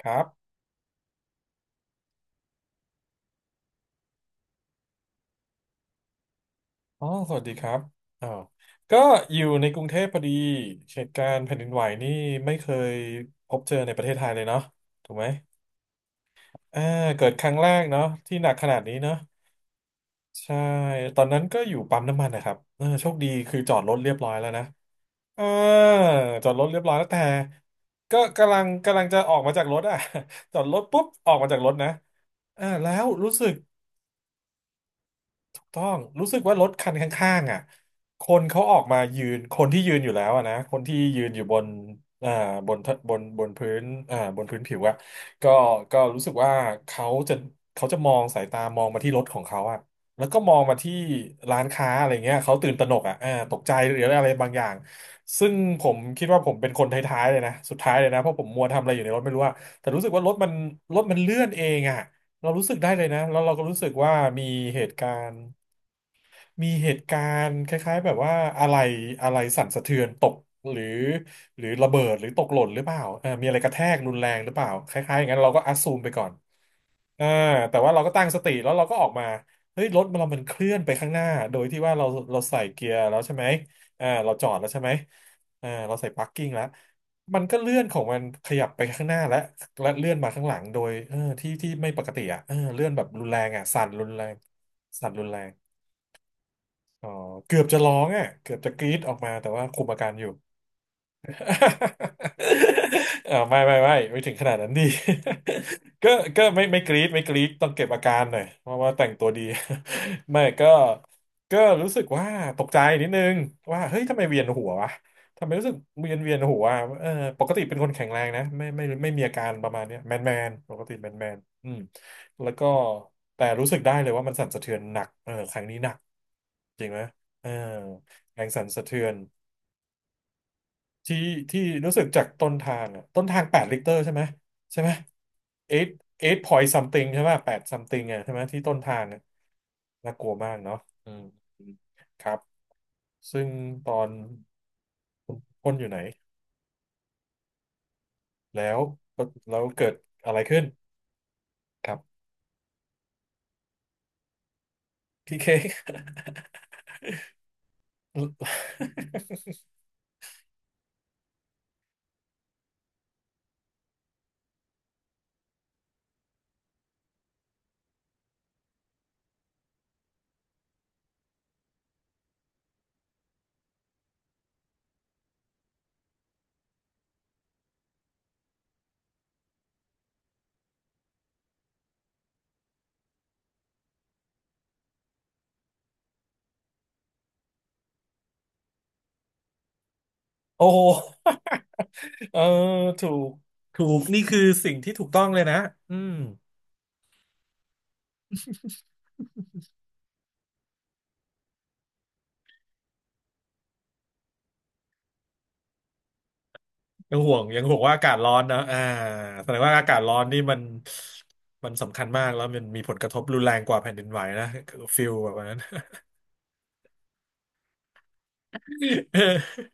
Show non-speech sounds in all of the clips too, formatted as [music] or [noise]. ครับอ๋อสวัสดีครับอ๋อก็อยู่ในกรุงเทพพอดีเหตุการณ์แผ่นดินไหวนี่ไม่เคยพบเจอในประเทศไทยเลยเนาะถูกไหมอ่าเกิดครั้งแรกเนาะที่หนักขนาดนี้เนาะใช่ตอนนั้นก็อยู่ปั๊มน้ำมันนะครับเออโชคดีคือจอดรถเรียบร้อยแล้วนะเอ่าจอดรถเรียบร้อยแล้วแต่ก็กำลังจะออกมาจากรถอ่ะ [laughs] จอดรถปุ๊บออกมาจากรถนะอ่าแล้วรู้สึก ถูกต้องรู้สึกว่ารถคันข้างๆอ่ะคนเขาออกมายืนคนที่ยืนอยู่แล้วอะนะคนที่ยืนอยู่บนอ่าบนบนพื้นอ่าบนพื้นผิวอ่ะก็ก็รู้สึกว่าเขาจะเขาจะมองสายตามองมาที่รถของเขาอ่ะแล้วก็มองมาที่ร้านค้าอะไรเงี้ยเขาตื่นตระหนกอ่ะอ่าตกใจหรืออะไรบางอย่างซึ่งผมคิดว่าผมเป็นคนท้ายๆเลยนะสุดท้ายเลยนะเพราะผมมัวทำอะไรอยู่ในรถไม่รู้อะแต่รู้สึกว่ารถมันเลื่อนเองอ่ะเรารู้สึกได้เลยนะแล้วเราก็รู้สึกว่ามีเหตุการณ์ มีเหตุการณ์คล้ายๆแบบว่าอะไรอะไรสั่นสะเทือนตกหรือหรือระเบิดหรือตกหล่นหรือเปล่าเออมีอะไรกระแทกรุนแรงหรือเปล่าคล้ายๆอย่างนั้นเราก็อัสซูมไปก่อนอ่าแต่ว่าเราก็ตั้งสติแล้วเราก็ออกมาเฮ้ยรถเรามันเคลื่อนไปข้างหน้าโดยที่ว่าเราใส่เกียร์แล้วใช่ไหมอ่าเราจอดแล้วใช่ไหมอ่าเราใส่พาร์กิ้งแล้วมันก็เลื่อนของมันขยับไปข้างหน้าและเลื่อนมาข้างหลังโดยเออที่ที่ไม่ปกติอ่ะเออเลื่อนแบบรุนแรงอ่ะสั่นรุนแรงสั่นรุนแรง อ๋อเกือบจะร้องอ่ะเกือบจะกรี๊ดออกมาแต่ว่าคุมอาการอยู่ [laughs] เออไม่ไม่ไม่ไม่ถึงขนาดนั้นดิ [laughs] ก็ก็ไม่กรี๊ดไม่กรี๊ดต้องเก็บอาการหน่อยเพราะว่าแต่งตัวดี [laughs] ไม่ก็รู้สึกว่าตกใจนิดนึงว่าเฮ้ยทำไมเวียนหัววะทำไมรู้สึกเวียนหัวอะเออปกติเป็นคนแข็งแรงนะไม่ไม่ไม่มีอาการประมาณเนี้ยแมนแมนปกติแมนแมนอืมแล้วก็แต่รู้สึกได้เลยว่ามันสั่นสะเทือนหนักเออครั้งนี้หนักจริงไหมเออแรงสั่นสะเทือน ที่ที่รู้สึกจากต้นทางอะต้นทาง8 ลิตรใช่ไหมใช่ไหม eight eight point something ใช่ไหม8 something อะใช่ไหมที่ต้นทางอะน่ากลัวมากเนาะอืมครับซึ่งตอนคุณพ่นอยู่ไหนแล้วแล้วเกิดอะไรขึ้นครับพี่เค้ก [laughs] โอ้โหเออถูกถูกนี่คือสิ่งที่ถูกต้องเลยนะอืม ยังห่วงยังห่วงว่าอากาศร้อนนะอ่าแสดงว่าอากาศร้อนนี่มันมันสำคัญมากแล้วมันมีผลกระทบรุนแรงกว่าแผ่นดินไหวนะคือฟิลแบบนั้น [laughs]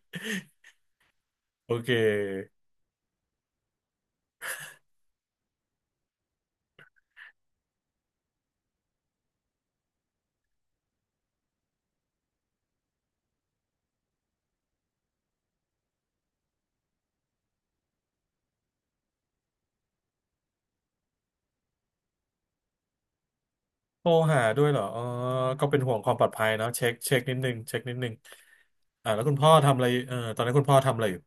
โอเคโทรหาด้วยเหรออ๋อก็เป็นห่วงความปลอดภัยเนาะเช็คเช็คนิดนึงเช็คนิดนึงอ่าแล้วคุณพ่อทำอะไรเออตอนนั้นคุณพ่อทำอะไรอยู่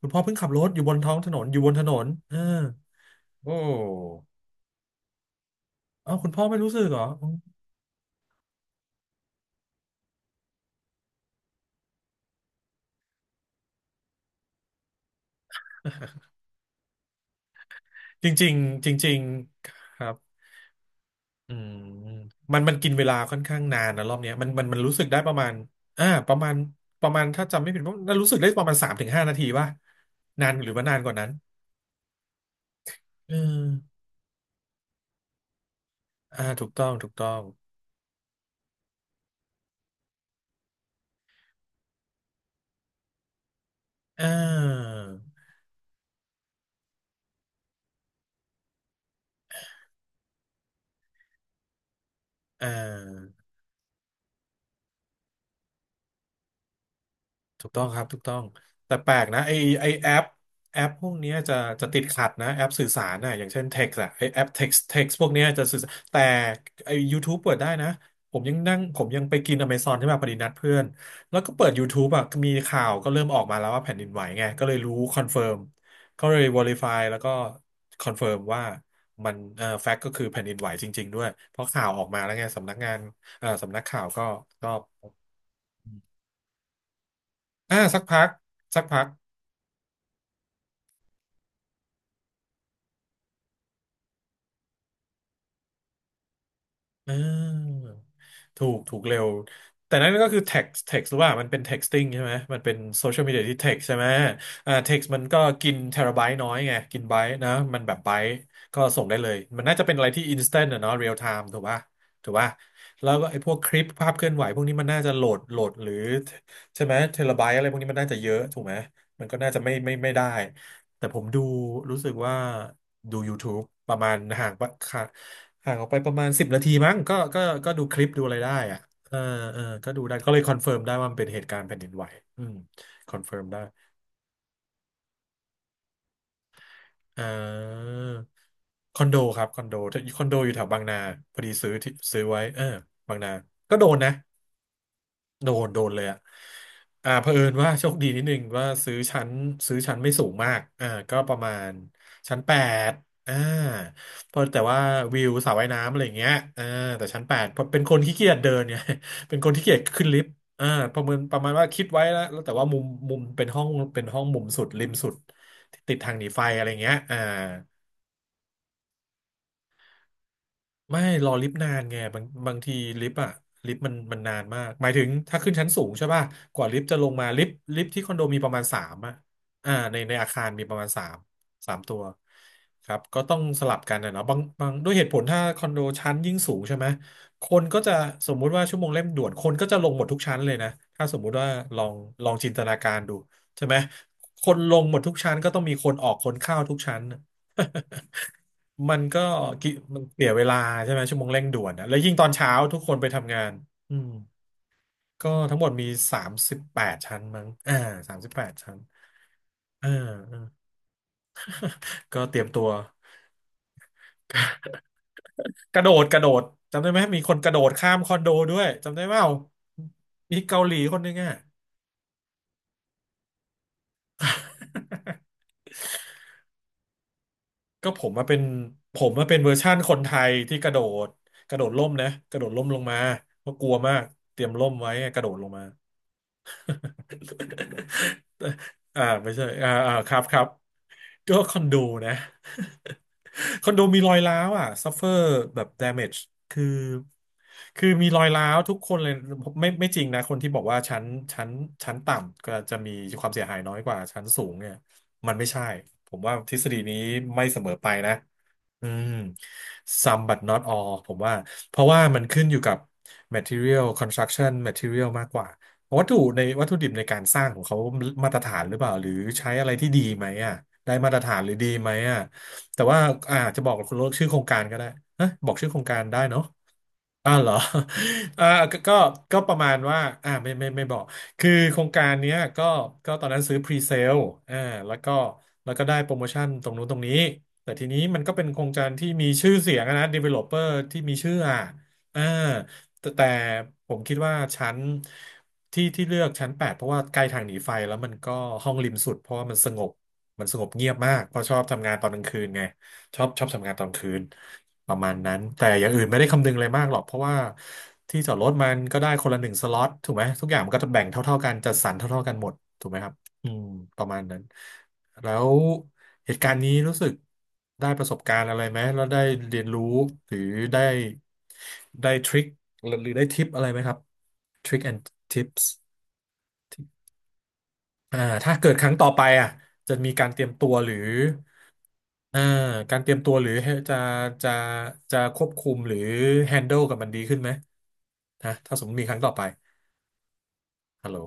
คุณพ่อเพิ่งขับรถอยู่บนท้องถนนอยู่บนถนนเออโอ้อ้าวคุณพ่อไม่รู้สึกเหรอจริงๆจริงๆครับ อืมมันกินเวลาค่อนข้างนานนะรอบเนี้ยมันรู้สึกได้ประมาณอ่าประมาณประมาณถ้าจำไม่ผิดว่าน่ารู้สึกได้ประมาณ3-5 นาทีป่ะนานหรือว่านานกว่านั้นเอออ่าถูกต้องถูกต้องอ่าอ่า ถูกต้องครับถูกต้องแต่แปลกนะไอแอปพวกเนี้ยจะจะติดขัดนะแอปสื่อสารนะอย่างเช่น text อะไอแอป text พวกเนี้ยจะสื่อสารแต่ไอ YouTube เปิดได้นะผมยังนั่งผมยังไปกิน Amazon ที่มาพอดีนัดเพื่อน แล้วก็เปิด YouTube อะมีข่าวก็เริ่มออกมาแล้วว่าแผ่นดินไหวไงก็เลยรู้คอนเฟิร์มก็เลย verify แล้วก็คอนเฟิร์มว่ามันแฟกต์ก็คือแผ่นดินไหวจริงๆด้วย เพราะข่าวออกมาแล้วไงสำนักข่าวก็ก็สักพักสักพัก อ่าถูกเร็วแต่นั่นก็คือ text หรือว่ามันเป็น texting ใช่ไหมมันเป็นโซเชียลมีเดียที่ text ใช่ไหมอ่า text มันก็กินเทราไบต์น้อยไงกินไบต์นะมันแบบไบต์ก็ส่งได้เลยมันน่าจะเป็นอะไรที่ instant อะเนาะ real time ถูกป่ะแล้วก็ไอ้พวกคลิปภาพเคลื่อนไหวพวกนี้มันน่าจะโหลดหรือใช่ไหมเทราไบต์อะไรพวกนี้มันน่าจะเยอะถูกไหมมันก็น่าจะไม่ได้แต่ผมดูรู้สึกว่าดู YouTube ประมาณห่างปะค่ะ ห่างออกไปประมาณสิบนาทีมั้งก็ดูคลิปดูอะไรได้อะเออเออก็ดูได้ก็เลยคอนเฟิร์มได้ว่ามันเป็นเหตุการณ์แผ่นดินไหวอืมคอนเฟิร์มได้เออคอนโดครับคอนโดคอนโดอยู่แถวบางนาพอดีซื้อที่ซื้อไว้เออบางนาก็โดนนะ โดนโดนเลยอ่ะอ่าเผอิญว่าโชคดีนิดนึงว่าซื้อชั้นไม่สูงมากอ่าก็ประมาณชั้นแปดอ่าเพราะแต่ว่าวิวสระว่ายน้ำอะไรอย่างเงี้ยอ่าแต่ชั้นแปดเพราะเป็นคนขี้เกียจเดินเนี่ย [laughs] เป็นคนขี้เกียจขึ้นลิฟต์อ่าประเมินประมาณว่าคิดไว้แล้วแล้วแต่ว่ามุมเป็นห้องมุมสุดริมสุดติดทางหนีไฟอะไรเงี้ยอ่า ไม่รอลิฟต์นานไงบางทีลิฟต์อะลิฟต์มันนานมากหมายถึงถ้าขึ้นชั้นสูงใช่ป่ะกว่าลิฟต์จะลงมาลิฟต์ที่คอนโดมีประมาณสามอะอ่าในอาคารมีประมาณสามสามตัวครับก็ต้องสลับกันนะเนาะบางด้วยเหตุผลถ้าคอนโดชั้นยิ่งสูงใช่ไหมคนก็จะสมมุติว่าชั่วโมงเร่งด่วนคนก็จะลงหมดทุกชั้นเลยนะถ้าสมมุติว่าลองลองจินตนาการดูใช่ไหมคนลงหมดทุกชั้นก็ต้องมีคนออกคนเข้าทุกชั้น มันก็กิมันเสียเวลาใช่ไหมชั่วโมงเร่งด่วนนะแล้วยิ่งตอนเช้าทุกคนไปทำงานอืมก็ทั้งหมดมีสามสิบแปดชั้นมั้งอ่าสามสิบแปดชั้นอ่าอ่าก็เตรียมตัวกระโดดกระโดดจำได้ไหมมีคนกระโดดข้ามคอนโดด้วยจำได้เปล่ามีเกาหลีคนหนึงอ่ะ [laughs] ก็ผมมาเป็นเวอร์ชั่นคนไทยที่กระโดดกระโดดร่มนะกระโดดร่มลงมาเพราะกลัวมากเตรียมร่มไว้กระโดดลงมา [laughs] อ่าไม่ใช่ครับครับก็คอนโดนะ [laughs] คอนโดมีรอยร้าวอ่ะซัฟเฟอร์แบบ damage คือคือมีรอยร้าวทุกคนเลยไม่จริงนะคนที่บอกว่าชั้นชั้นต่ำก็จะมีความเสียหายน้อยกว่าชั้นสูงเนี่ยมันไม่ใช่ผมว่าทฤษฎีนี้ไม่เสมอไปนะ อืม some but not all ผมว่าเพราะว่ามันขึ้นอยู่กับ material construction material มากกว่าวัตถุในวัตถุดิบในการสร้างของเขามาตรฐานหรือเปล่าหรือใช้อะไรที่ดีไหมอ่ะได้มาตรฐานหรือดีไหมอ่ะแต่ว่าอาจจะบอกคุณโลกชื่อโครงการก็ได้ฮะบอกชื่อโครงการได้เนาะ อ่าวเหรอ [laughs] อ่าก็ก็ก็ประมาณว่าอ่าไม่บอกคือโครงการเนี้ยก็ก็ตอนนั้นซื้อพรีเซลอ่าแล้วก็แล้วก็ได้โปรโมชั่นตรงนู้นตรงนี้แต่ทีนี้มันก็เป็นโครงการที่มีชื่อเสียงอะนะ developer ที่มีชื่ออ่ะอ่าแต่ผมคิดว่าชั้นที่ที่เลือกชั้น8เพราะว่าใกล้ทางหนีไฟแล้วมันก็ห้องริมสุดเพราะว่ามันสงบมันสงบเงียบมากเพราะชอบทำงานตอนกลางคืนไง ชอบทำงานตอนคืนประมาณนั้นแต่อย่างอื่นไม่ได้คำนึงเลยมากหรอกเพราะว่าที่จอดรถมันก็ได้คนละหนึ่งสล็อตถูกไหมทุกอย่างมันก็จะแบ่งเท่าๆกันจัดสรรเท่าๆกันหมดถูกไหมครับอืมประมาณนั้นแล้วเหตุการณ์นี้รู้สึกได้ประสบการณ์อะไรไหมแล้วได้เรียนรู้หรือได้ได้ทริคหรือได้ทิปอะไรไหมครับทริค and tips อ่าถ้าเกิดครั้งต่อไปอ่ะจะมีการเตรียมตัวหรือ อ่าการเตรียมตัวหรือจะจะจะควบคุมหรือ handle กับมันดีขึ้นไหมนะถ้าสมมติมีครั้งต่อไปฮัลโหล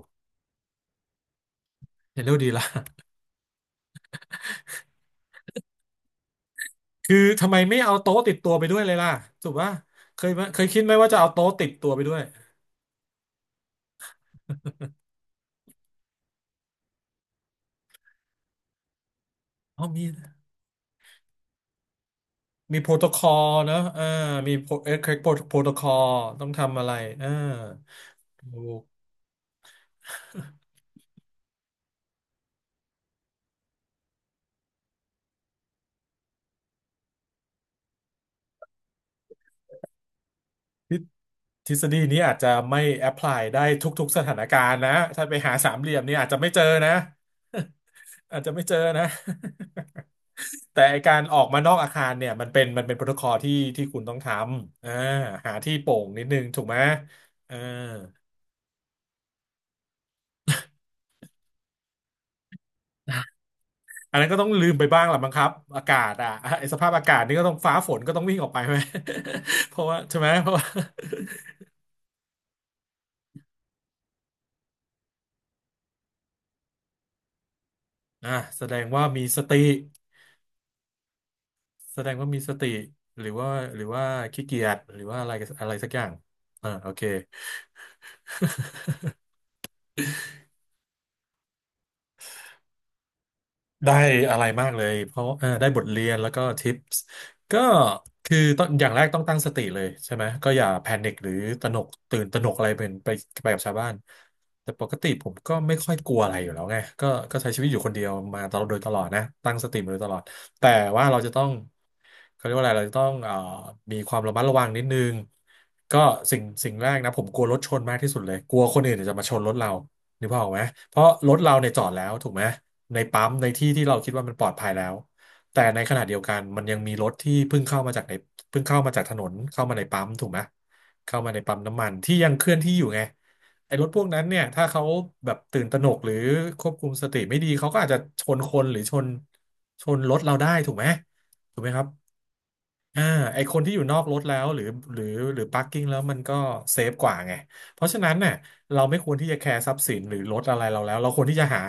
handle ดีละ [laughs] คือทำไมไม่เอาโต๊ะติดตัวไปด้วยเลยล่ะถูกป่ะเคยไหมเคยคิดไหมว่าจะเอาโต๊ะติดตัวไปด้วยอ๋อมีมีโปรโตคอลเนอะอ่ามีโปรเอ็กโปรโปรโตคอลต้องทำอะไรอ่าโอ้ทฤทฤษฎีนี้อาจจะไม่แอพพลายได้ทุกๆสถานการณ์นะถ้าไปหาสามเหลี่ยมนี่อาจจะไม่เจอนะ [laughs] อาจจะไม่เจอนะ [laughs] แต่ไอ้การออกมานอกอาคารเนี่ยมันเป็นโปรโตคอลที่ที่คุณต้องทำหาที่โปร่งนิดนึงถูกไหมเอออันนั้นก็ต้องลืมไปบ้างแหละมั้งครับอากาศอ่ะไอ้สภาพอากาศนี่ก็ต้องฟ้าฝนก็ต้องวิ่งออกไปไหม [laughs] เพราะว่าใช่ไหมเพราะว่าอ่าแสดงว่ามีสติแสดงว่ามีสติหรือว่าหรือว่าขี้เกียจหรือว่าอะไรอะไรสักอย่างอ่าโอเค ได้อะไรมากเลยเพราะได้บทเรียนแล้วก็ทิปส์ก็คือต้องอย่างแรกต้องตั้งสติเลยใช่ไหมก็อย่าแพนิคหรือตระหนกตื่นตระหนกอะไรเป็นไปไปกับชาวบ้านแต่ปกติผมก็ไม่ค่อยกลัวอะไรอยู่แล้วไงก็ใช้ชีวิตอยู่คนเดียวมาตลอดโดยตลอดนะตั้งสติมาโดยตลอดแต่ว่าเราจะต้องเขาเรียกว่าอะไรเราจะต้องมีความระมัดระวังนิดนึงก็สิ่งแรกนะผมกลัวรถชนมากที่สุดเลยกลัวคนอื่นเนยจะมาชนรถเรา นึกภาพออกไหมเพราะรถเราเนี่ยจอดแล้วถูกไหมในปั๊มในที่ที่เราคิดว่ามันปลอดภัยแล้วแต่ในขณะเดียวกันมันยังมีรถที่เพิ่งเข้ามาจากในเพิ่งเข้ามาจากถนนเข้ามาในปั๊มถูกไหมเข้ามาในปั๊มน้ำมันที่ยังเคลื่อนที่อยู่ไงไอ้รถพวกนั้นเนี่ยถ้าเขาแบบตื่นตระหนกหรือควบคุมสติไม่ดีเขาก็อาจจะชนคนหรือชนรถเราได้ถูกไหมถูกไหมครับอ่าไอคนที่อยู่นอกรถแล้วหรือหรือหรือ p าร์กิ้งแล้วมันก็เซฟกว่าไง เพราะฉะนั้นเนี่ยเราไม่ควรที่จะแคร์ทรัพย์สินหรือรถอะไรเราแล้วเราควรที่จะหา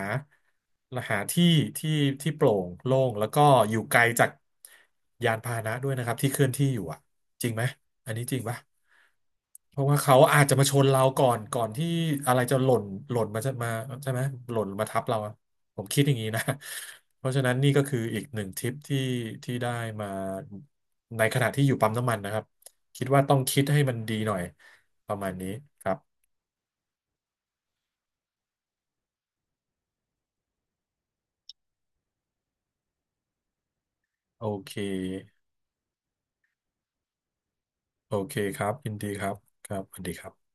หาที่ที่ที่โปร่งโล่งแล้วก็อยู่ไกลจากยานพาหนะด้วยนะครับที่เคลื่อนที่อยู่อ่ะจริงไหมอันนี้จริงปะเพราะว่าเขาอาจจะมาชนเราก่อนก่อนที่อะไรจะหล่นหล่นมาจะมาใช่ไหมหล่นมาทับเราอะผมคิดอย่างนี้นะ [laughs] เพราะฉะนั้นนี่ก็คืออีกหนึ่งทิปที่ที่ได้มาในขณะที่อยู่ปั๊มน้ำมันนะครับคิดว่าต้องคิดให้มันดีหน่อยประมาณนี้ครับ โอเค โอเคครับยินดีครับครับสวัสดีครับ